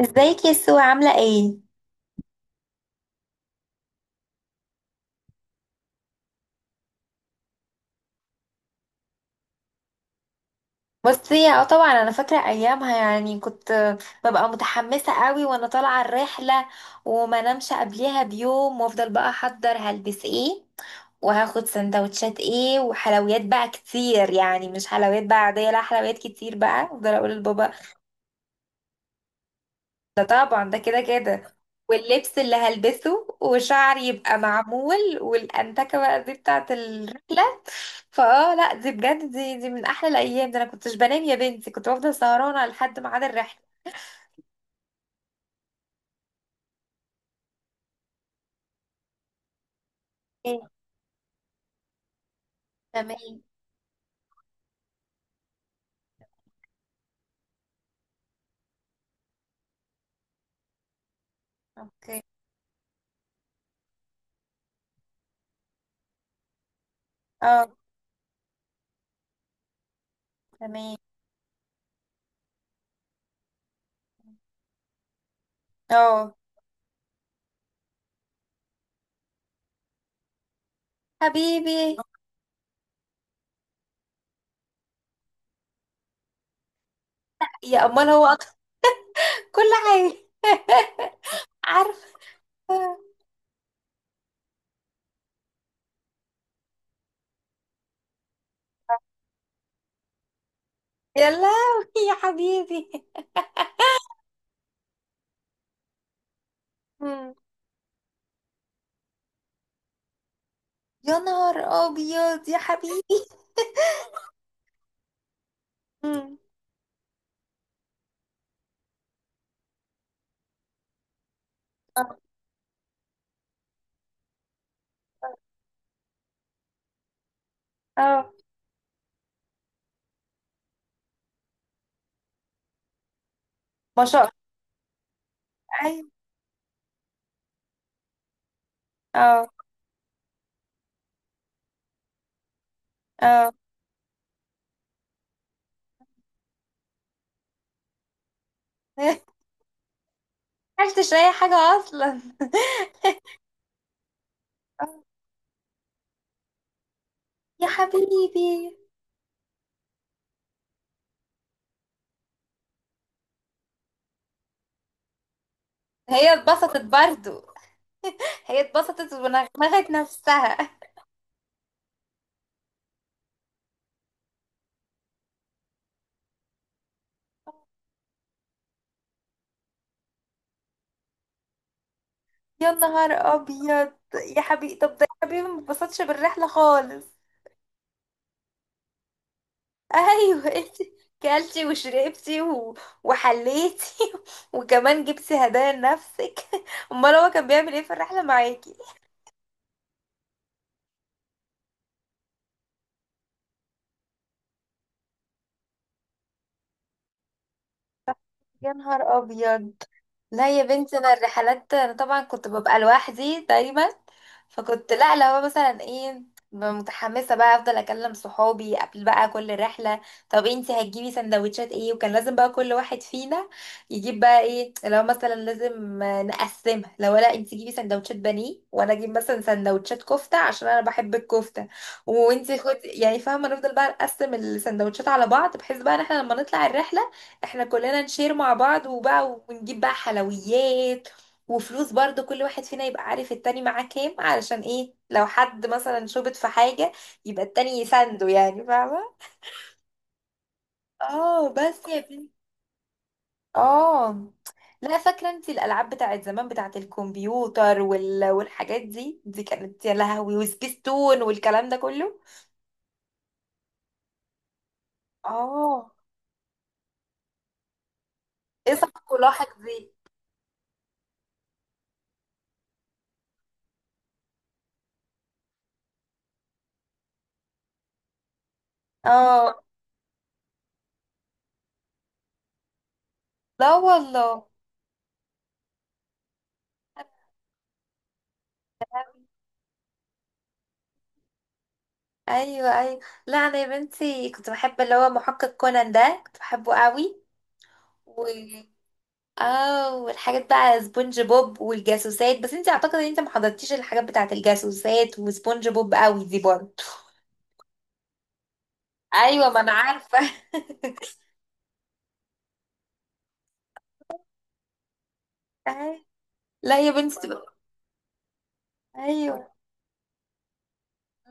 ازيك يا سو، عاملة ايه؟ بصي، اه طبعا انا فاكرة ايامها. يعني كنت ببقى متحمسة قوي وانا طالعة الرحلة، وما نمش قبلها بيوم، وافضل بقى احضر هلبس ايه وهاخد سندوتشات ايه وحلويات بقى كتير. يعني مش حلويات بقى عادية، لا حلويات كتير بقى، افضل اقول لبابا. ده طبعا ده كده كده. واللبس اللي هلبسه وشعري يبقى معمول، والأنتكة بقى دي بتاعت الرحلة. فاه، لا دي بجد، دي من أحلى الأيام. ده أنا كنتش بنام يا بنتي، كنت بفضل سهرانة لحد ميعاد الرحلة. ايه. تمام. اوكي. اه. تمام. اه. حبيبي. يا أمال هو أطفال. كل حاجة. عارفة. يا لهوي. يا حبيبي. مم. يا نهار أبيض يا حبيبي. مم. اه. اه. ما شاء الله. أيوة. اه. اه. عرفتش اي حاجة اصلا. آه،. يا حبيبي. هي اتبسطت برضو. هي اتبسطت ونغمغت نفسها. يا نهار ابيض يا حبيبي. طب ده يا حبيبي ما اتبسطش بالرحلة خالص. ايوه. انت كلتي وشربتي وحليتي. وكمان جبتي هدايا لنفسك. امال هو كان بيعمل ايه في الرحلة معاكي؟ يا نهار ابيض. لا يا بنتي، انا الرحلات انا طبعا كنت ببقى لوحدي دايما. فكنت، لا لو هو مثلا ايه، ببقى متحمسه بقى، افضل اكلم صحابي قبل بقى كل رحله. طب انتي هتجيبي سندوتشات ايه؟ وكان لازم بقى كل واحد فينا يجيب بقى ايه، لو مثلا لازم نقسمها. لو لا، انتي جيبي سندوتشات بانيه وانا اجيب مثلا سندوتشات كفته عشان انا بحب الكفته، وانتي خدي، يعني فاهمه. نفضل بقى نقسم السندوتشات على بعض، بحيث بقى ان احنا لما نطلع الرحله احنا كلنا نشير مع بعض، وبقى ونجيب بقى حلويات وفلوس برضو. كل واحد فينا يبقى عارف التاني معاه كام، علشان ايه؟ لو حد مثلا شبط في حاجة يبقى التاني يسنده. يعني فاهمة. اه بس يا بنتي. اه، لا فاكرة انت الألعاب بتاعت زمان، بتاعت الكمبيوتر والحاجات دي كانت يا لهوي، وسبيستون والكلام ده كله. اه، ايه صح كلاحك دي. اه. لا والله. ايوه ايوه. لا انا يا بنتي كنت بحب اللي هو محقق كونان ده، كنت بحبه قوي. و اه والحاجات بقى سبونج بوب والجاسوسات، بس انت اعتقد ان انت ما حضرتيش الحاجات بتاعت الجاسوسات وسبونج بوب قوي دي برضه. ايوه، ما انا عارفه. أي- لا يا بنتي. ايوه،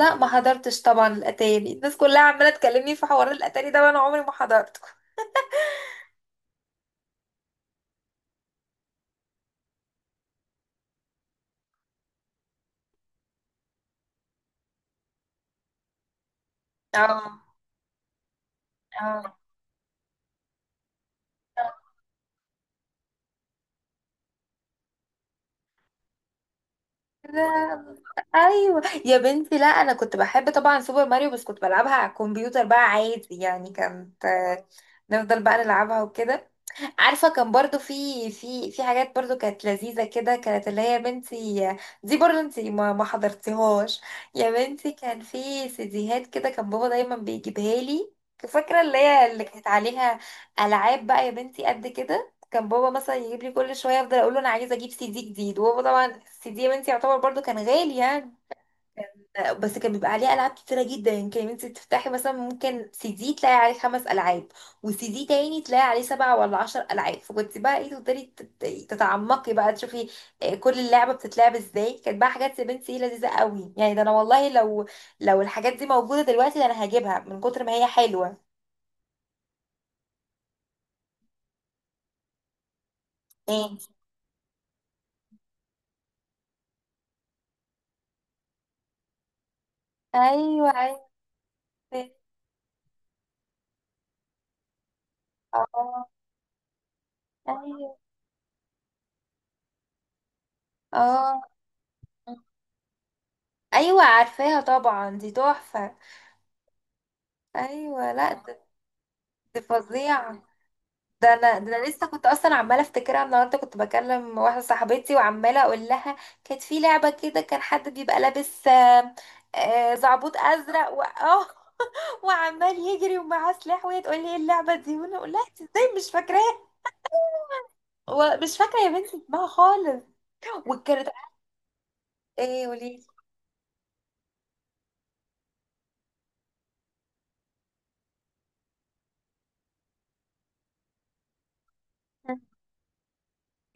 لا ما حضرتش طبعا الاتاري. الناس كلها عماله تكلمني في حوار الاتاري ده وانا عمري ما حضرته. اه. اه. لا. ايوه يا بنتي، لا انا كنت بحب طبعا سوبر ماريو، بس كنت بلعبها على الكمبيوتر بقى عادي، يعني كانت نفضل بقى نلعبها وكده. عارفه، كان برضو في حاجات برضو كانت لذيذه كده، كانت اللي هي يا بنتي دي برضو انت ما حضرتيهاش. يا بنتي كان في سيديهات كده، كان بابا دايما بيجيبها لي. فاكره اللي كانت عليها العاب. بقى يا بنتي قد كده كان بابا مثلا يجيب لي كل شويه، افضل اقول له انا عايزه اجيب سي دي جديد، وهو طبعا السي دي يا بنتي يعتبر برضو كان غالي يعني. بس كان بيبقى عليه العاب كتيره جدا. يعني كان انت تفتحي مثلا ممكن سي دي تلاقي عليه 5 العاب، وسي دي تاني تلاقي عليه 7 ولا 10 العاب، فكنت بقى ايه، تقدري تتعمقي بقى تشوفي كل اللعبه بتتلعب ازاي. كانت بقى حاجات يا بنتي إيه، لذيذه قوي يعني. ده انا والله لو الحاجات دي موجوده دلوقتي، ده انا هجيبها من كتر ما هي حلوه. ايه. ايوه عارفه. اه. ايوه. اه. ايوه عارفاها طبعا، دي تحفه. ايوه، لا دي فظيعه. ده انا لسه كنت اصلا عماله افتكرها النهارده، كنت بكلم واحده صاحبتي وعماله اقول لها كانت في لعبه كده كان حد بيبقى لابس زعبوط ازرق و... اه وعمال يجري ومعاه سلاح. وهي تقول لي ايه اللعبه دي وانا اقول لها "إنت ازاي مش فاكراها. ومش فاكره يا بنتي اسمها خالص. والكارت ايه وليه؟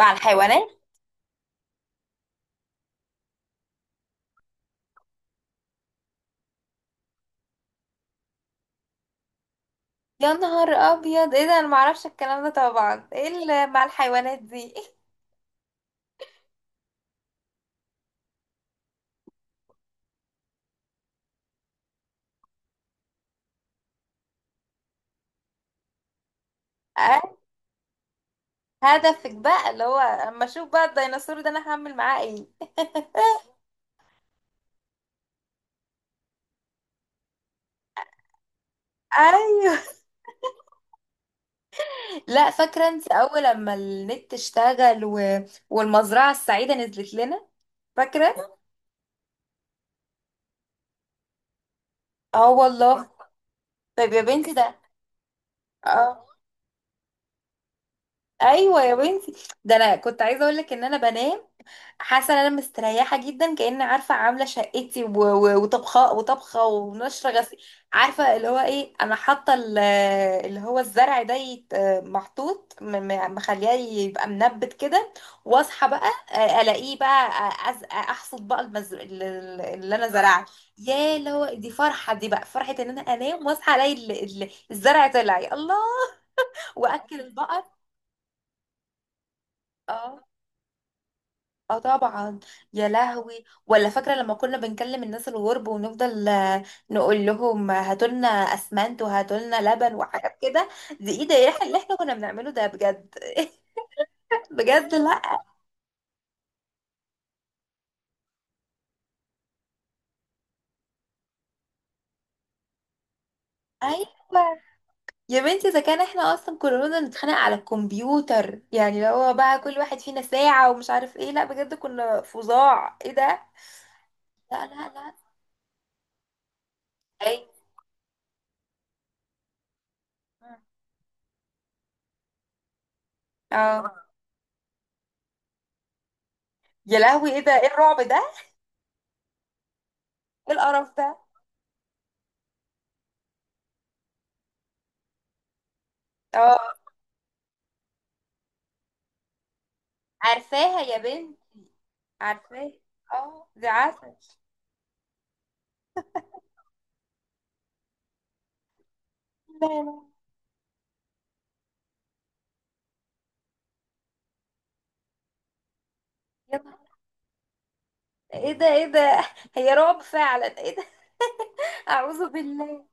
مع الحيوانات. يا نهار ابيض، ايه ده؟ انا معرفش الكلام ده طبعا، ايه اللي مع الحيوانات دي؟ آه،. هدفك بقى اللي هو اما اشوف بقى الديناصور، ده انا هعمل معاه ايه؟ ايوه. لا فاكره انت اول لما النت اشتغل والمزرعه السعيده نزلت لنا. فاكره. اه والله. طيب يا بنتي ده. اه. ايوه يا بنتي، ده انا كنت عايزه اقول لك ان انا بنام حاسه ان انا مستريحه جدا، كأن عارفه عامله شقتي وطبخه ونشره غسيل. عارفه اللي هو ايه، انا حاطه اللي هو الزرع ده محطوط، مخليه يبقى منبت كده. واصحى بقى الاقيه بقى، احصد بقى اللي انا زرعه. يا اللي هو دي فرحه، دي بقى فرحه ان انا انام واصحى الاقي الزرع طلع، يا الله. واكل البقر. اه. اه طبعا. يا لهوي، ولا فاكره لما كنا بنكلم الناس الغرب ونفضل نقول لهم هاتولنا اسمنت وهاتولنا لبن وحاجات كده. دي ايه ده، احنا اللي احنا كنا بنعمله ده بجد؟ بجد، لا. ايوه يا بنتي، اذا كان احنا اصلا كلنا نتخانق على الكمبيوتر، يعني لو هو بقى كل واحد فينا ساعه ومش عارف ايه، لا بجد كنا فظاع. ايه ده. لا لا لا. اي. اه. يا لهوي، ايه ده؟ ايه الرعب ده؟ ايه القرف ده؟ اه عارفاها يا بنتي. عارفاه. اه ده عسل. لا لا. يا نهار- ايه ده؟ ايه ده؟ هي رعب فعلا. ايه ده؟ اعوذ بالله.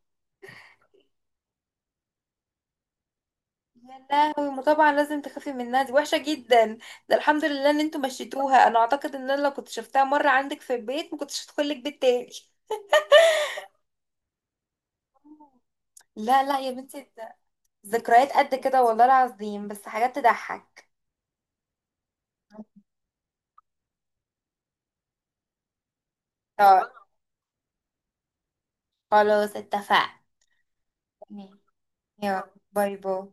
يا لهوي، ما طبعا لازم تخافي منها، دي وحشه جدا. ده الحمد لله ان انتوا مشيتوها. انا اعتقد ان انا لو كنت شفتها مره عندك في البيت، ما كنتش هدخل لك بيت تاني. لا لا يا بنتي، ده ذكريات قد كده، والله العظيم، بس حاجات تضحك. طيب خلاص اتفقنا. يلا باي باي.